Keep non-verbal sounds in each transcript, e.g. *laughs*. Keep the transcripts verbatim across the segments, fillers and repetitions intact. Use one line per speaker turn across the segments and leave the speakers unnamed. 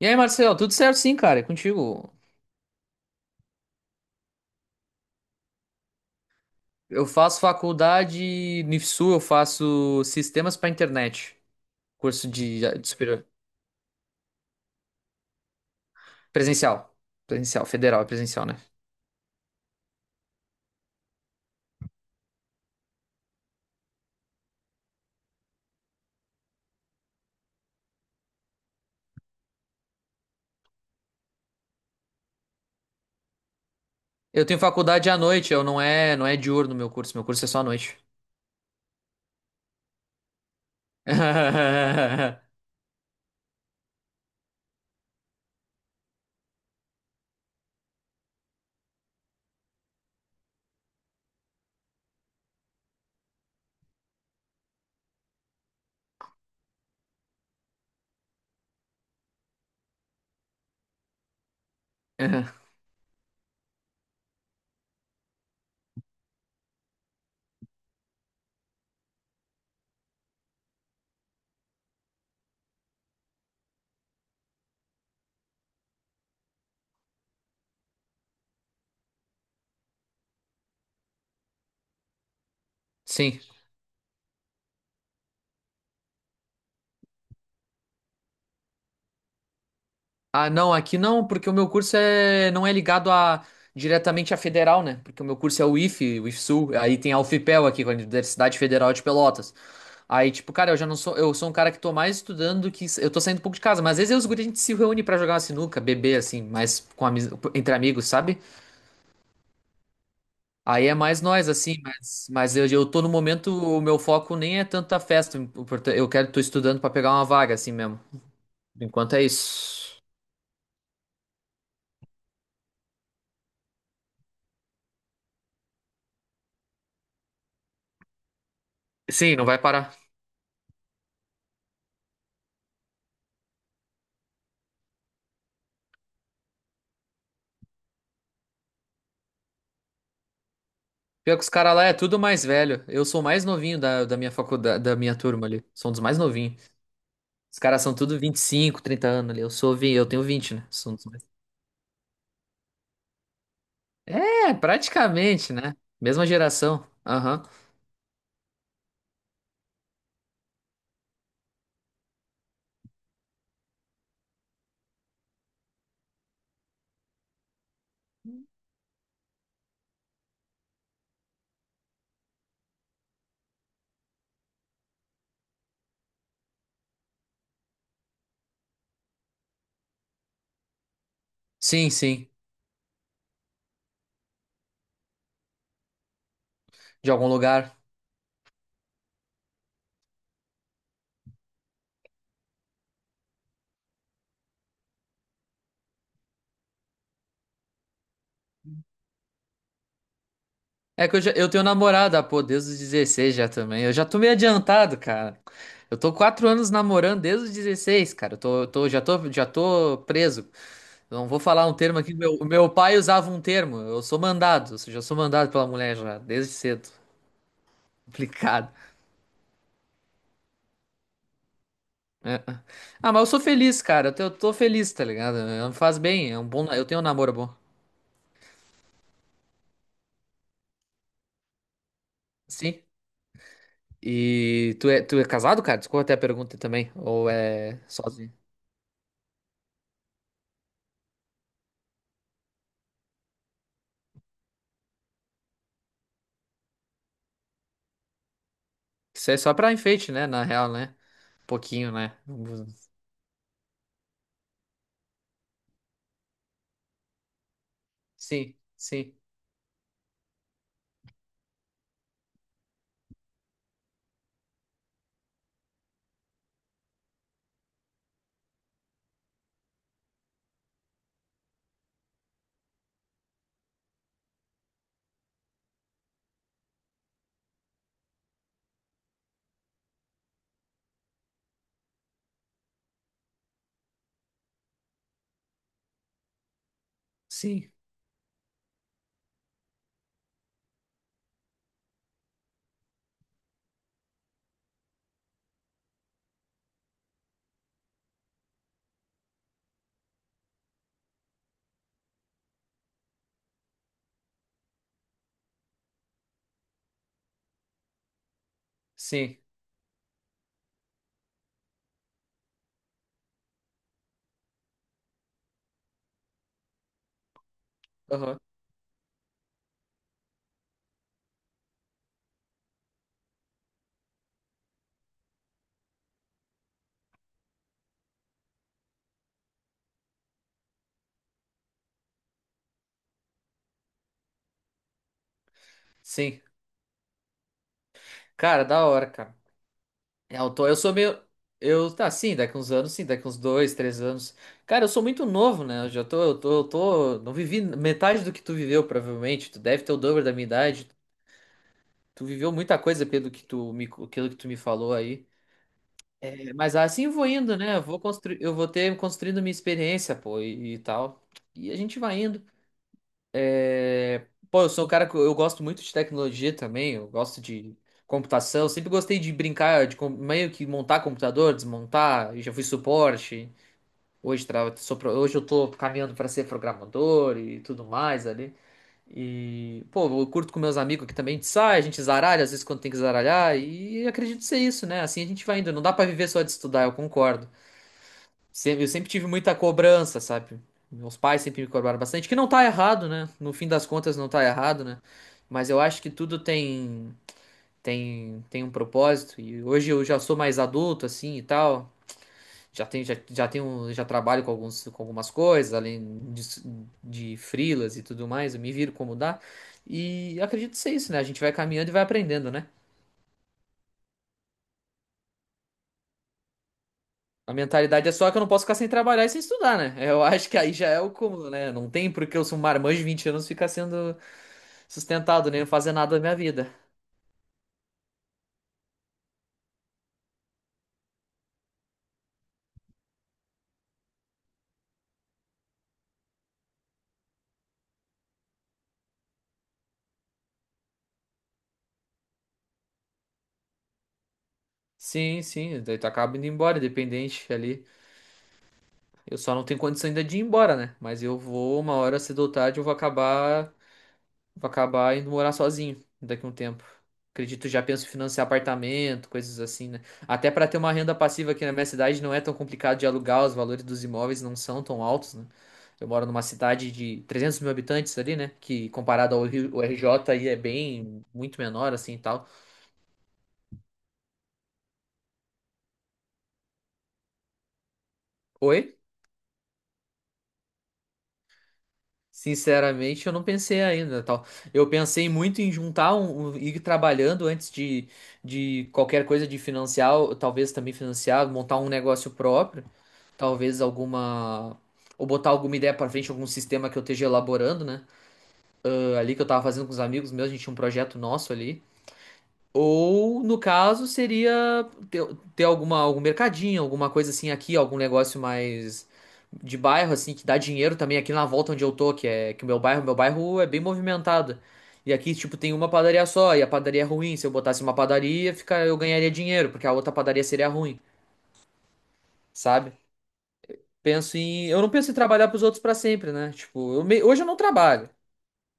E aí, Marcelo, tudo certo, sim, cara, é contigo. Eu faço faculdade no I F S U, eu faço sistemas para internet, curso de, de superior, presencial, presencial, federal, é presencial, né? Eu tenho faculdade à noite, eu não é, não é diurno meu curso, meu curso é só à noite. *laughs* Sim. Ah, não, aqui não, porque o meu curso é, não é ligado a diretamente à federal, né? Porque o meu curso é o I F E, o I F S U, aí tem a U F PEL aqui, com a Universidade Federal de Pelotas. Aí, tipo, cara, eu já não sou, eu sou um cara que tô mais estudando do que, eu tô saindo um pouco de casa, mas às vezes eu e os guri, a gente se reúne pra jogar uma sinuca, beber, assim, mas com amiz- entre amigos, sabe? Aí é mais nós, assim, mas, mas eu, eu tô no momento, o meu foco nem é tanto a festa, o importan- eu quero, tô estudando pra pegar uma vaga, assim mesmo. Por enquanto é isso. Sim, não vai parar. Pior que os caras lá é tudo mais velho. Eu sou o mais novinho da, da minha faculdade, da minha turma ali. Sou um dos mais novinhos. Os caras são tudo vinte e cinco, trinta anos ali. Eu sou, vi- eu tenho vinte, né? Sou um dos mais... É, praticamente, né? Mesma geração. Aham. Sim, sim. De algum lugar. É que eu, já, eu tenho namorada, pô, desde os dezesseis já também. Eu já tô meio adiantado, cara. Eu tô quatro anos namorando desde os dezesseis, cara. Eu tô, eu tô, já tô, já tô preso. Eu não vou falar um termo aqui. Meu, meu pai usava um termo. Eu sou mandado. Ou seja, eu sou mandado pela mulher já, desde cedo. *laughs* Complicado. É. Ah, mas eu sou feliz, cara. Eu tô, eu tô feliz, tá ligado? Eu- me faz bem. É um bom, eu tenho um namoro bom. Sim. E tu é, tu é casado, cara? Desculpa até a pergunta também. Ou é sozinho? Isso é só pra enfeite, né? Na real, né? Um pouquinho, né? Sim, sim, sim, sim. Aham. Sim. Cara, da hora, cara. É, eu tô, eu sou meio. Eu, tá, sim, daqui uns anos, sim, daqui uns dois, três anos. Cara, eu sou muito novo, né? Eu já tô, eu tô, eu tô. Não vivi metade do que tu viveu, provavelmente. Tu deve ter o dobro da minha idade. Tu viveu muita coisa pelo que tu me, pelo que tu me falou aí. É, mas assim eu vou indo, né? Eu vou construir, eu vou ter construindo minha experiência, pô, e, e tal. E a gente vai indo. É, pô, eu sou um cara que eu eu gosto muito de tecnologia também, eu gosto de computação, sempre gostei de brincar, de com- meio que montar computador, desmontar, e já fui suporte, hoje, tra... sou pro- hoje eu tô caminhando para ser programador e tudo mais ali. E, pô, eu curto com meus amigos aqui também, a gente sai, a gente zaralha, às vezes quando tem que zaralhar, e acredito ser isso, né? Assim a gente vai indo, não dá para viver só de estudar, eu concordo. Se- Eu sempre tive muita cobrança, sabe? Meus pais sempre me cobraram bastante, que não tá errado, né? No fim das contas, não tá errado, né? Mas eu acho que tudo tem tem tem um propósito e hoje eu já sou mais adulto assim e tal. Já tenho já, já tenho já trabalho com alguns com algumas coisas, além disso- de, frilas e tudo mais, eu me viro como dá. E acredito ser isso, né? A gente vai caminhando e vai aprendendo, né? A mentalidade é só que eu não posso ficar sem trabalhar e sem estudar, né? Eu acho que aí já é o cúmulo, né? Não tem porque eu sou um marmanjo de vinte anos ficar sendo sustentado, nem fazer nada da minha vida. Sim, sim, daí tu acaba indo embora, independente ali. Eu só não tenho condição ainda de ir embora, né? Mas eu vou, uma hora cedo ou tarde, eu vou acabar vou acabar indo morar sozinho daqui a um tempo. Acredito, já penso em financiar apartamento, coisas assim, né? Até para ter uma renda passiva aqui na minha cidade não é tão complicado de alugar, os valores dos imóveis não são tão altos, né? Eu moro numa cidade de trezentos mil habitantes ali, né? Que comparado ao Rio, o R J aí é bem, muito menor assim e tal. Oi? Sinceramente, eu não pensei ainda, tal. Eu pensei muito em juntar um, um- ir trabalhando antes de, de qualquer coisa de financiar, ou talvez também financiar, montar um negócio próprio. Talvez alguma. Ou botar alguma ideia pra frente, algum sistema que eu esteja elaborando, né? Ah, ali que eu tava fazendo com os amigos meus, a gente tinha um projeto nosso ali. Ou, no caso, seria ter, ter alguma, algum mercadinho, alguma coisa assim aqui, algum negócio mais de bairro, assim, que dá dinheiro também aqui na volta onde eu tô, que é que o meu bairro, meu bairro é bem movimentado. E aqui, tipo, tem uma padaria só, e a padaria é ruim. Se eu botasse uma padaria, fica, eu ganharia dinheiro, porque a outra padaria seria ruim, sabe? Penso em. Eu não penso em trabalhar pros outros pra sempre, né? Tipo, eu me- hoje eu não trabalho,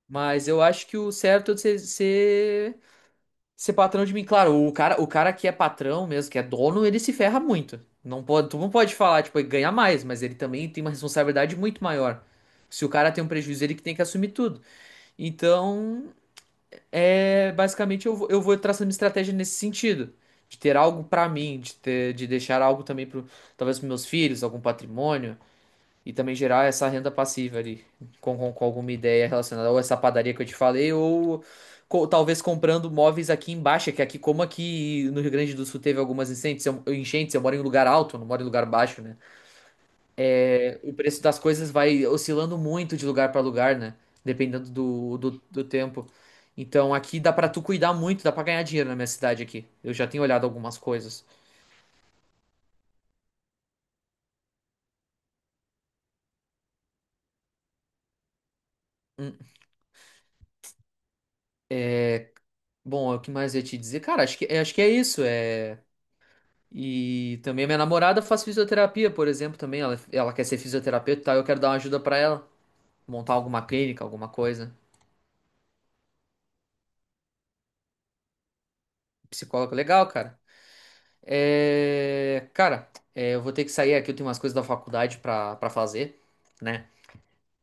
mas eu acho que o certo é ser, ser, ser patrão de mim. Claro, o cara, o cara que é patrão mesmo, que é dono, ele se ferra muito. Não pode, tu não pode falar, tipo, ele ganha mais, mas ele também tem uma responsabilidade muito maior. Se o cara tem um prejuízo, ele que tem que assumir tudo. Então, é, basicamente eu, vou- eu vou traçando uma estratégia nesse sentido. De ter algo pra mim, de ter, de deixar algo também pro, talvez pros meus filhos, algum patrimônio. E também gerar essa renda passiva ali, com, com, com alguma ideia relacionada ou essa padaria que eu te falei, ou co- talvez comprando móveis aqui embaixo, que aqui, como aqui no Rio Grande do Sul teve algumas incêndios, eu, eu- enchentes, eu moro em lugar alto, não moro em lugar baixo, né? É, o preço das coisas vai oscilando muito de lugar para lugar, né? Dependendo do, do, do tempo. Então aqui dá pra tu cuidar muito, dá pra ganhar dinheiro na minha cidade aqui. Eu já tenho olhado algumas coisas. Hum, Bom, o que mais eu ia te dizer? Cara, acho que, acho que é isso. É. E também a minha namorada faz fisioterapia, por exemplo, também. Ela, ela quer ser fisioterapeuta e tal. Eu quero dar uma ajuda pra ela. Montar alguma clínica, alguma coisa. Psicólogo, legal, cara. É, cara, é, eu vou ter que sair aqui. Eu tenho umas coisas da faculdade pra, pra fazer, né?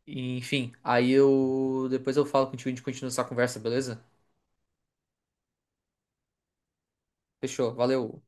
E, enfim, aí eu. depois eu falo contigo e a gente continua essa conversa, beleza? Fechou, valeu.